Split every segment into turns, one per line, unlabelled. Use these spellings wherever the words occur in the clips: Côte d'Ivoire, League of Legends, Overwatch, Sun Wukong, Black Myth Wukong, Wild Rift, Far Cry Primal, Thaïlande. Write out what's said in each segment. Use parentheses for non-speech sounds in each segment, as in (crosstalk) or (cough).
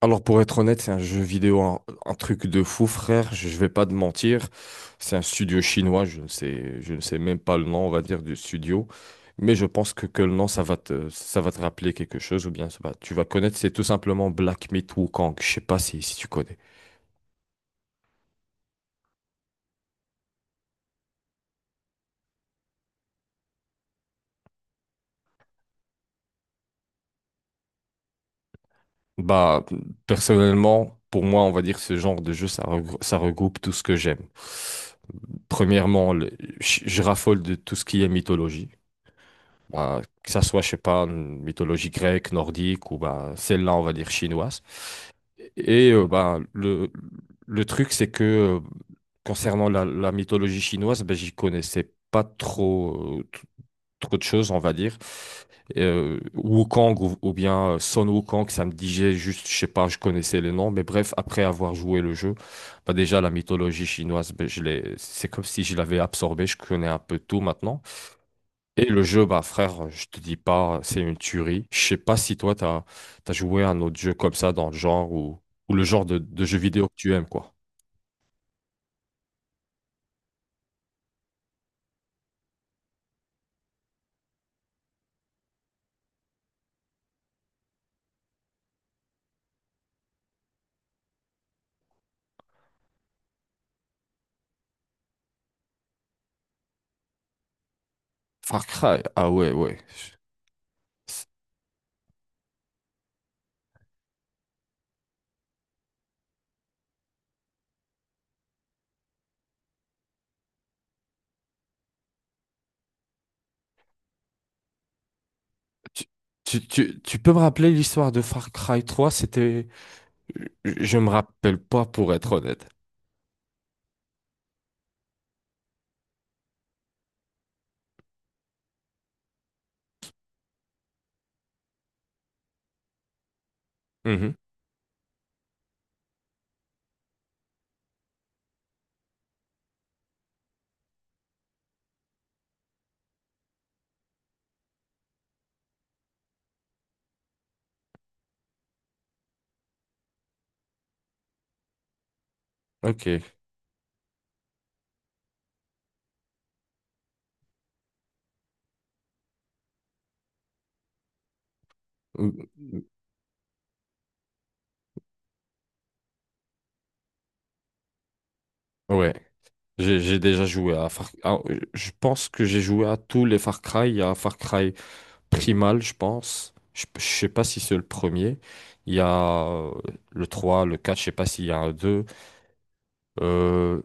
Alors pour être honnête, c'est un jeu vidéo, un truc de fou, frère. Je vais pas te mentir. C'est un studio chinois. Je ne sais même pas le nom, on va dire, du studio. Mais je pense que le nom, ça va te rappeler quelque chose ou bien tu vas connaître. C'est tout simplement Black Myth Wukong. Je sais pas si tu connais. Bah, personnellement, pour moi, on va dire ce genre de jeu, ça regroupe tout ce que j'aime. Premièrement, je raffole de tout ce qui est mythologie. Bah, que ça soit, je sais pas, une mythologie grecque, nordique ou bah, celle-là, on va dire chinoise. Et bah, le truc, c'est que concernant la mythologie chinoise, ben, j'y connaissais pas trop, trop de choses, on va dire. Wukong ou bien Sun Wukong, ça me disait juste, je sais pas, je connaissais les noms, mais bref, après avoir joué le jeu, bah déjà la mythologie chinoise, ben, c'est comme si je l'avais absorbée, je connais un peu tout maintenant. Et le jeu, bah frère, je te dis pas, c'est une tuerie. Je sais pas si toi, t'as joué à un autre jeu comme ça dans le genre ou le genre de jeu vidéo que tu aimes, quoi. Far Cry, ah ouais, ouais. Tu, tu peux me rappeler l'histoire de Far Cry 3? C'était. Je me rappelle pas pour être honnête. Mhm. Ok. Ou- Ouais. J'ai déjà joué à ah, je pense que j'ai joué à tous les Far Cry. Il y a Far Cry Primal, je pense. Je sais pas si c'est le premier. Il y a le 3, le 4. Je sais pas s'il y a un 2. Euh,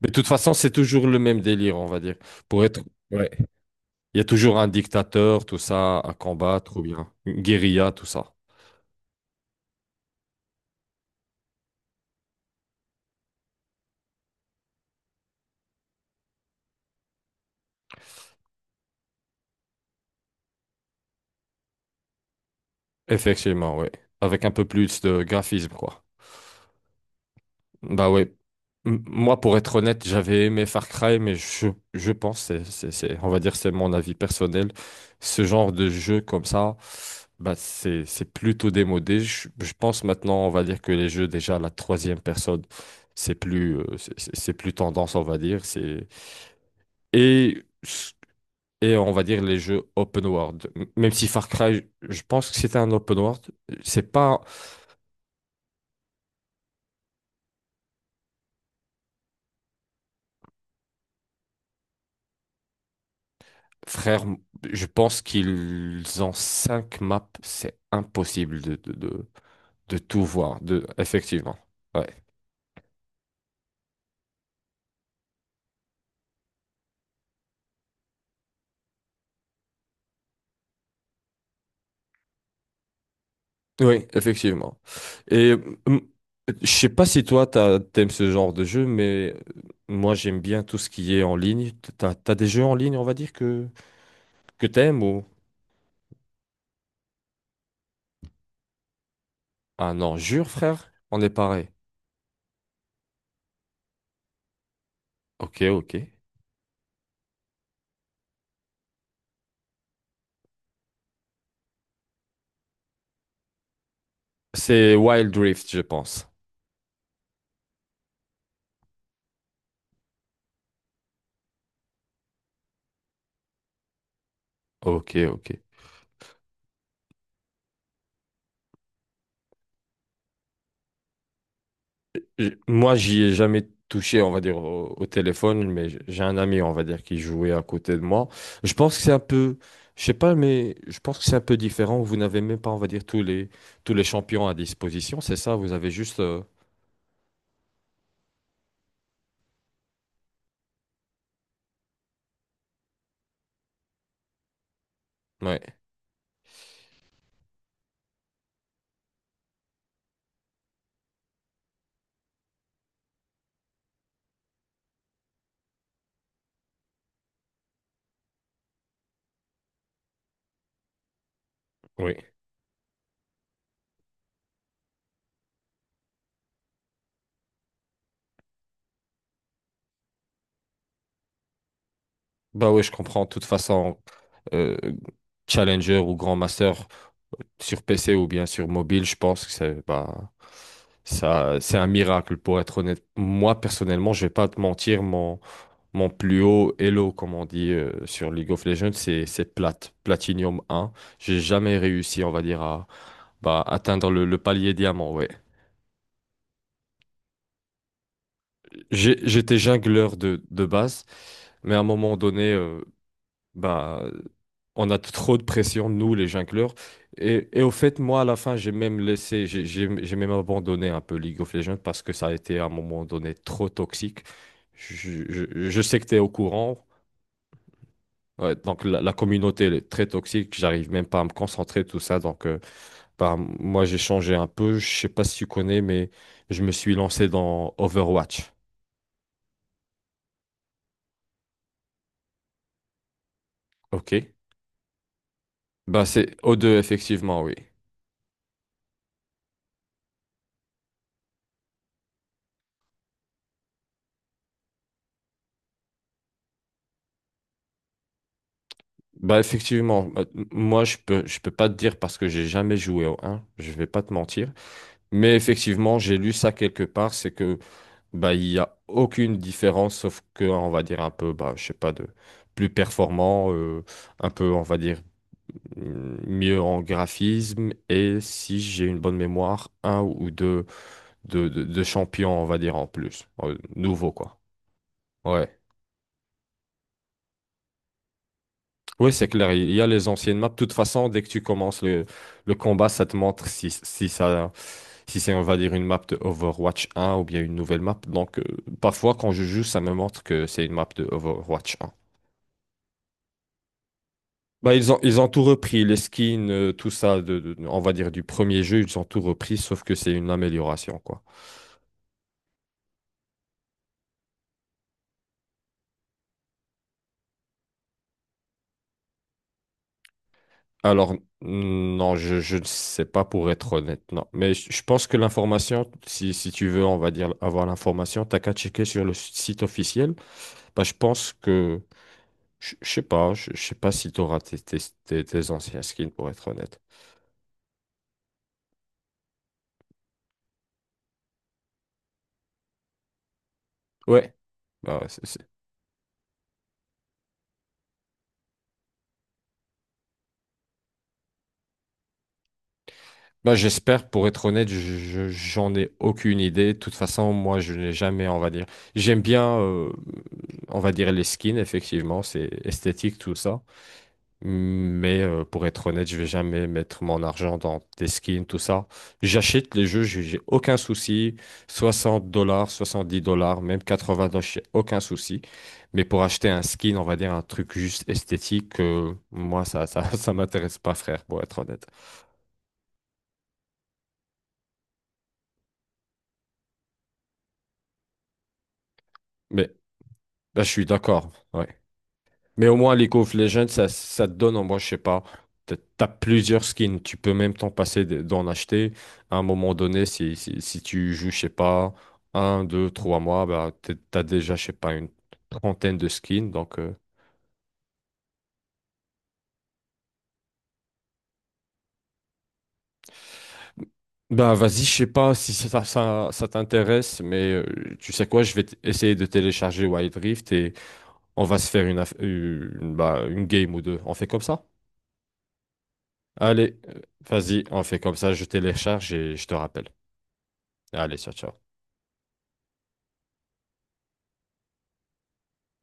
Mais de toute façon, c'est toujours le même délire, on va dire. Pour être. Ouais. Il y a toujours un dictateur, tout ça, à combattre, ou bien une guérilla, tout ça. Effectivement, ouais. Avec un peu plus de graphisme, quoi. Bah ouais. Moi, pour être honnête, j'avais aimé Far Cry, mais je pense, on va dire, c'est mon avis personnel. Ce genre de jeu comme ça, bah, c'est plutôt démodé. Je pense maintenant, on va dire que les jeux, déjà, la troisième personne, c'est plus tendance, on va dire. Et, et on va dire les jeux open world. Même si Far Cry, je pense que c'était un open world, c'est pas. Frère, je pense qu'ils ont cinq maps. C'est impossible de tout voir. Effectivement. Ouais. Oui, effectivement. Et hum, je sais pas si toi, t'aimes ce genre de jeu, mais moi, j'aime bien tout ce qui est en ligne. T'as des jeux en ligne, on va dire, que t'aimes ou. Ah non, jure, frère, on est pareil. Ok, ok. C'est Wild Rift, je pense. Ok, ok. Moi, j'y ai jamais touché, on va dire, au téléphone, mais j'ai un ami, on va dire, qui jouait à côté de moi. Je pense que c'est un peu, je sais pas, mais je pense que c'est un peu différent. Vous n'avez même pas, on va dire, tous les champions à disposition, c'est ça? Vous avez juste. Ouais, oui. Bah oui, je comprends. De toute façon, euh, Challenger ou Grand Master sur PC ou bien sur mobile, je pense que c'est bah, ça, c'est un miracle, pour être honnête. Moi, personnellement, je vais pas te mentir, Mon plus haut elo, comme on dit sur League of Legends, c'est Platinum 1. J'ai jamais réussi, on va dire, à bah, atteindre le palier diamant. Ouais. J'étais jungleur de base, mais à un moment donné, bah, on a trop de pression, nous, les jungleurs. Et au fait, moi, à la fin, j'ai même laissé, j'ai même abandonné un peu League of Legends parce que ça a été à un moment donné trop toxique. Je sais que tu es au courant. Ouais, donc la communauté elle est très toxique, j'arrive même pas à me concentrer, tout ça. Donc bah, moi j'ai changé un peu, je sais pas si tu connais, mais je me suis lancé dans Overwatch. Ok. Bah c'est O2 effectivement, oui. Bah effectivement, bah, moi je peux pas te dire parce que j'ai jamais joué au 1, je vais pas te mentir. Mais effectivement, j'ai lu ça quelque part, c'est que bah il y a aucune différence sauf que on va dire un peu bah je sais pas de plus performant, un peu on va dire mieux en graphisme et si j'ai une bonne mémoire, un ou deux de champions, on va dire en plus, nouveau quoi. Ouais. Oui, c'est clair, il y a les anciennes maps. De toute façon, dès que tu commences le combat, ça te montre si c'est, on va dire, une map de Overwatch 1 ou bien une nouvelle map. Donc, parfois, quand je joue, ça me montre que c'est une map de Overwatch 1. Bah, ils ont tout repris, les skins, tout ça, on va dire, du premier jeu, ils ont tout repris, sauf que c'est une amélioration, quoi. Alors, non, je ne sais pas pour être honnête, non. Mais je pense que l'information, si tu veux, on va dire, avoir l'information, t'as qu'à checker sur le site officiel. Bah, je sais pas si tu auras tes- anciens skins, pour être honnête. Ouais. Bah, ouais, bah, j'espère, pour être honnête, j'en ai aucune idée. De toute façon, moi, je n'ai jamais, on va dire. J'aime bien, on va dire, les skins, effectivement, c'est esthétique, tout ça. Mais pour être honnête, je vais jamais mettre mon argent dans des skins, tout ça. J'achète les jeux, j'ai aucun souci. 60 dollars, 70 dollars, même 80 dollars, j'ai aucun souci. Mais pour acheter un skin, on va dire un truc juste esthétique, moi, (laughs) ça m'intéresse pas, frère, pour être honnête. Mais là, je suis d'accord. Ouais. Mais au moins, League of Legends, ça te donne, moi, je sais pas, t'as plusieurs skins, tu peux même t'en passer d'en acheter. À un moment donné, si tu joues, je sais pas, un, deux, trois mois, bah, t'as déjà, je sais pas, une trentaine de skins. Donc, bah, vas-y, je sais pas si ça t'intéresse, mais tu sais quoi, je vais essayer de télécharger Wild Rift et on va se faire une, aff- une, bah, une game ou deux. On fait comme ça? Allez, vas-y, on fait comme ça, je télécharge et je te rappelle. Allez, ciao, ciao.